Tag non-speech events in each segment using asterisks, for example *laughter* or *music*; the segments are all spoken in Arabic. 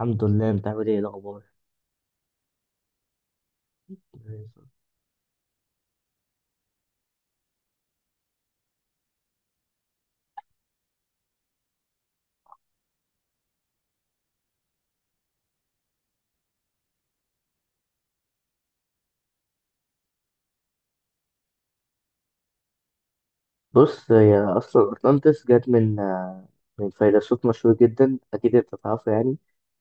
الحمد لله، انت عامل ايه الاخبار؟ بص، هي اصلا اطلانتس جت من من فيلسوف مشهور جدا، اكيد انت تعرفه يعني.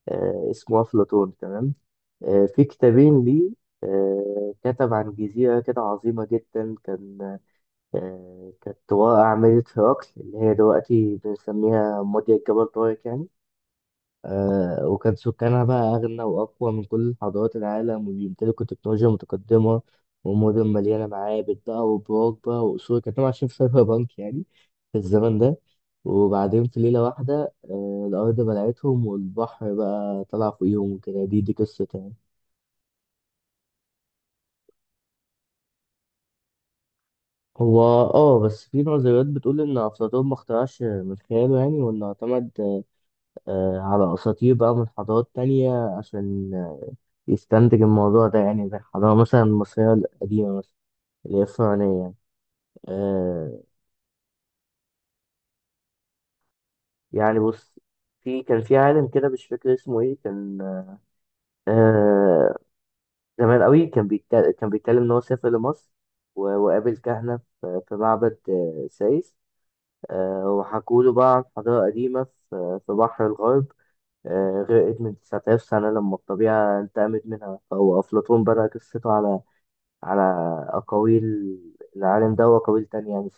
اسمه افلاطون، تمام. في كتابين ليه. كتب عن جزيرة كده عظيمة جدا، كان كانت واقع عملة هرقل اللي هي دلوقتي بنسميها مضيق جبل طارق يعني. وكان سكانها بقى أغنى وأقوى من كل حضارات العالم، وبيمتلكوا تكنولوجيا متقدمة ومدن مليانة معابد بقى وبراج بقى وقصور، كانوا عايشين في سايبر بانك يعني في الزمن ده. وبعدين في ليلة واحدة الأرض بلعتهم والبحر بقى طلع فوقيهم، وكده دي قصة يعني. هو بس في نظريات بتقول إن أفلاطون ما اخترعش من خياله يعني، وإنه اعتمد على أساطير بقى من حضارات تانية عشان يستنتج الموضوع ده، يعني زي الحضارة مثلا المصرية القديمة مثلا، اللي هي الفرعونية يعني. آه يعني بص، في كان في عالم كده مش فاكر اسمه ايه، كان آه زمان قوي، كان بيتكلم ان هو سافر لمصر وقابل كهنة في في معبد سايس. وحكوا له بقى عن حضارة قديمة في في بحر الغرب. غرقت من 9000 سنة لما الطبيعة انتقمت منها، فهو أفلاطون بدأ قصته على أقاويل العالم ده وأقاويل تانية يعني.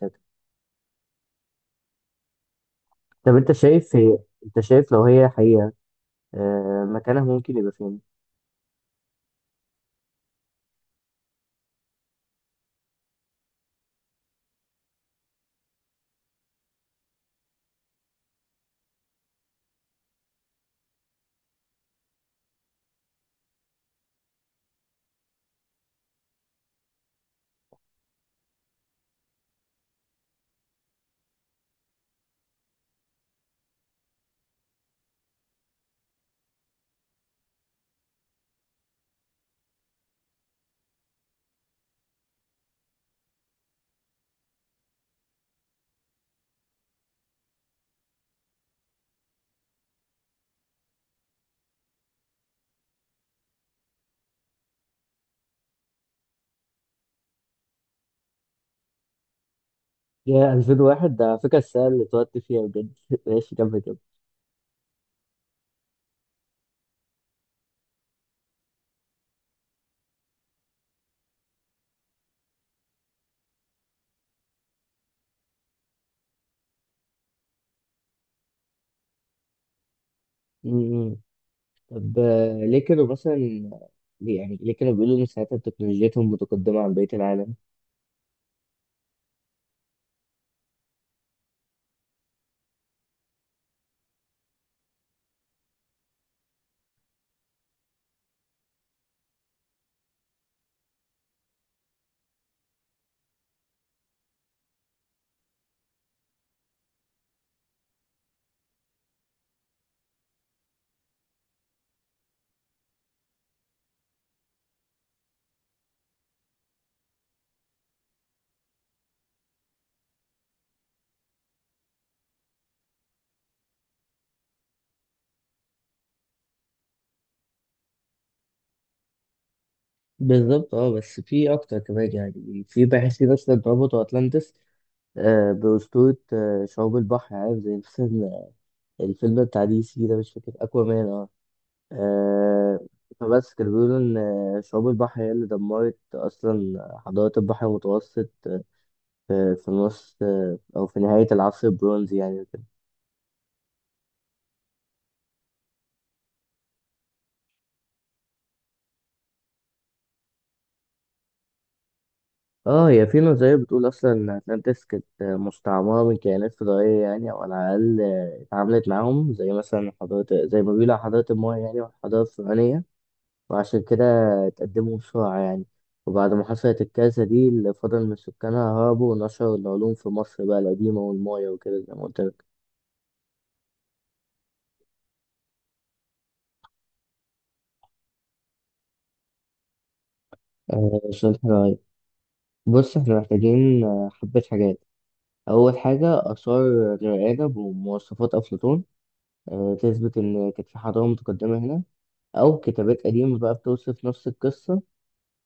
طب انت شايف لو هي حقيقة مكانها ممكن يبقى فين؟ يا 2001، ده على فكرة السنة اللي اتولدت فيها بجد *laughs* ماشي، كمل كده. مم. طب آه، ليه كانوا مثلا ليه يعني ليه كانوا بيقولوا ان ساعتها تكنولوجيتهم متقدمة عن بقية العالم؟ بالظبط. اه بس في اكتر كمان يعني. في باحثين اصلا ربطوا اتلانتس بأسطورة شعوب البحر، عارف، زي مثلا الفيلم بتاع دي سي ده، مش فاكر، اكوامان. آه، فبس كانوا بيقولوا إن شعاب البحر هي اللي دمرت أصلا حضارات البحر المتوسط في نص أو في نهاية العصر البرونزي يعني وكده. اه هي في نظرية بتقول أصلا إن أتلانتس كانت مستعمرة من كائنات فضائية يعني، أو على الأقل اتعاملت معاهم، زي مثلا حضارة زي ما بيقولوا على حضارة المايا يعني والحضارة الفرعونية، وعشان كده اتقدموا بسرعة يعني. وبعد ما حصلت الكارثة دي، اللي فضل من سكانها هربوا ونشروا العلوم في مصر بقى القديمة والمايا وكده، زي ما قلت لك. شوية حاجات. بص احنا محتاجين حبة حاجات. أول حاجة، آثار رؤية بمواصفات أفلاطون تثبت إن كانت في حضارة متقدمة هنا، أو كتابات قديمة بقى بتوصف نفس القصة،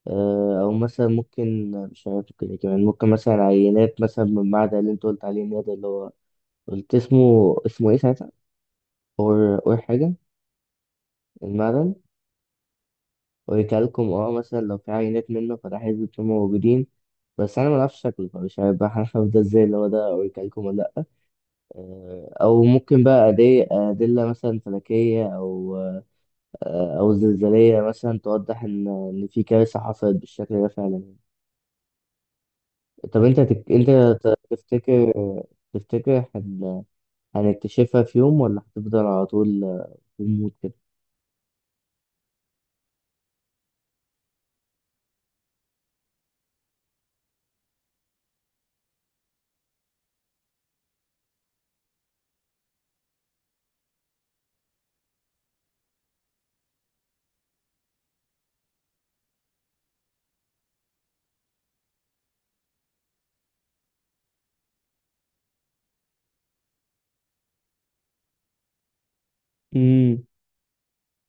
أو مثلا ممكن، مش عارف كده، كمان ممكن مثلا عينات مثلا من المعدن اللي أنت قلت عليه إن هو ده، اللي هو قلت اسمه إيه ساعتها؟ أور حاجة، المعدن. ويكلكم، مثلا لو في عينات منه، فده هيبقوا موجودين. بس انا ملعبش شكله، فمش هيبقى *laughs* هنعرف ده ازاي اللي هو ده اوريكالكم ولا لا. او ممكن بقى ادله مثلا فلكيه، او او زلزاليه مثلا توضح ان في كارثه حصلت بالشكل ده فعلا. طب انت تك... انت ت- تفتكر تفتكر هنكتشفها في يوم، ولا هتفضل على طول في الموت كده؟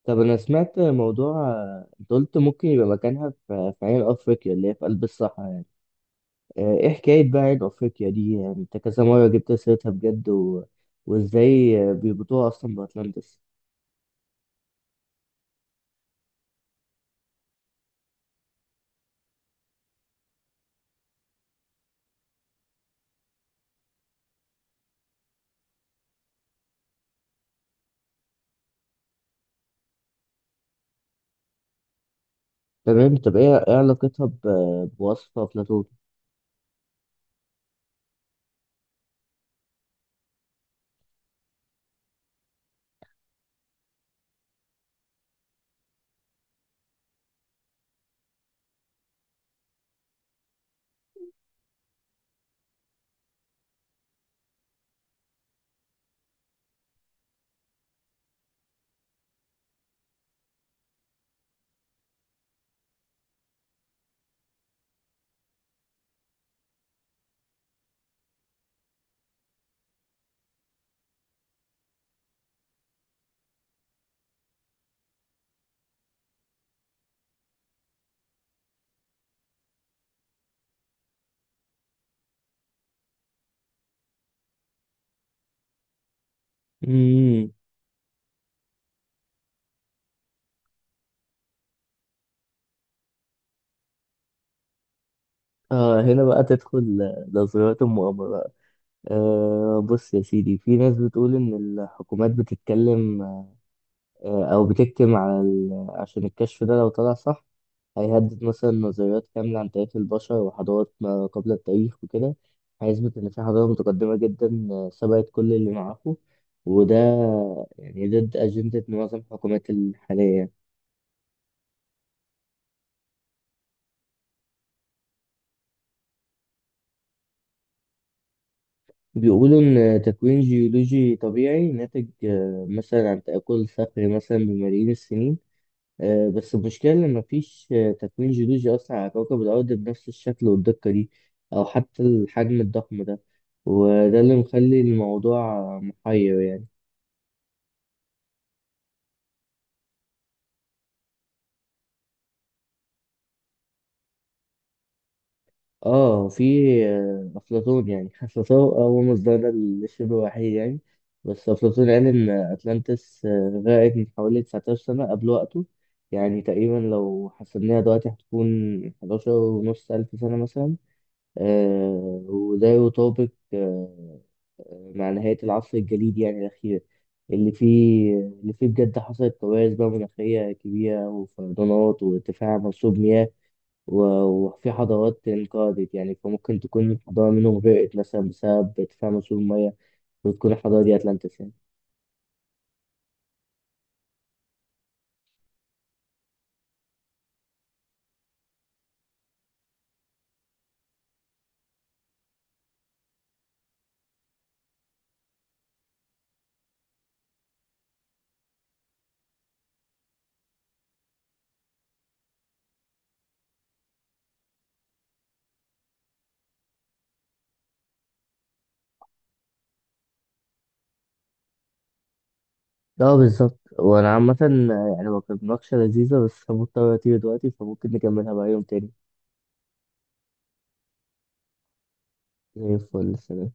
طب انا سمعت موضوع. انت قلت ممكن يبقى مكانها في عين افريقيا اللي هي في قلب الصحراء يعني. ايه حكايه بقى عين افريقيا دي يعني؟ انت كذا مره جبت سيرتها بجد وازاي بيربطوها اصلا باتلانتس؟ تمام. طب إيه علاقتها بوصفه افلاطون؟ امم. اه هنا بقى تدخل نظريات المؤامره بقى. آه، بص يا سيدي، في ناس بتقول ان الحكومات بتتكلم او بتكتم عشان الكشف ده لو طلع صح هيهدد مثلا نظريات كاملة عن تاريخ البشر وحضارات ما قبل التاريخ وكده، هيثبت إن في حضارة متقدمة جدا سبقت كل اللي معاهم، وده يعني ضد أجندة معظم الحكومات الحالية. بيقولوا إن تكوين جيولوجي طبيعي ناتج مثلا عن تآكل صخري مثلا بملايين السنين، بس المشكلة إن مفيش تكوين جيولوجي أصلا على كوكب الأرض بنفس الشكل والدقة دي، أو حتى الحجم الضخم ده. وده اللي مخلي الموضوع محير يعني. اه في افلاطون يعني *laughs* حسسه، هو مصدرنا للشبه الوحيد يعني. بس افلاطون قال ان اتلانتس غرقت من حوالي 19 سنه قبل وقته، يعني تقريبا لو حسبناها دلوقتي هتكون 11 ونص الف سنه مثلا. وده يطابق آه مع نهايه العصر الجليدي يعني الاخير، اللي فيه بجد حصلت كوارث بقى مناخيه كبيره وفيضانات وارتفاع منسوب مياه، وفي حضارات انقرضت يعني. فممكن تكون حضارة منهم غرقت مثلا بسبب ارتفاع مستوى المية، وتكون الحضارة دي أتلانتس يعني. اه بالظبط. وانا عامة يعني ما كانت مناقشة لذيذة، بس مضطر اطير دلوقتي، فممكن نكملها بقى يوم تاني. زي الفل، سلام.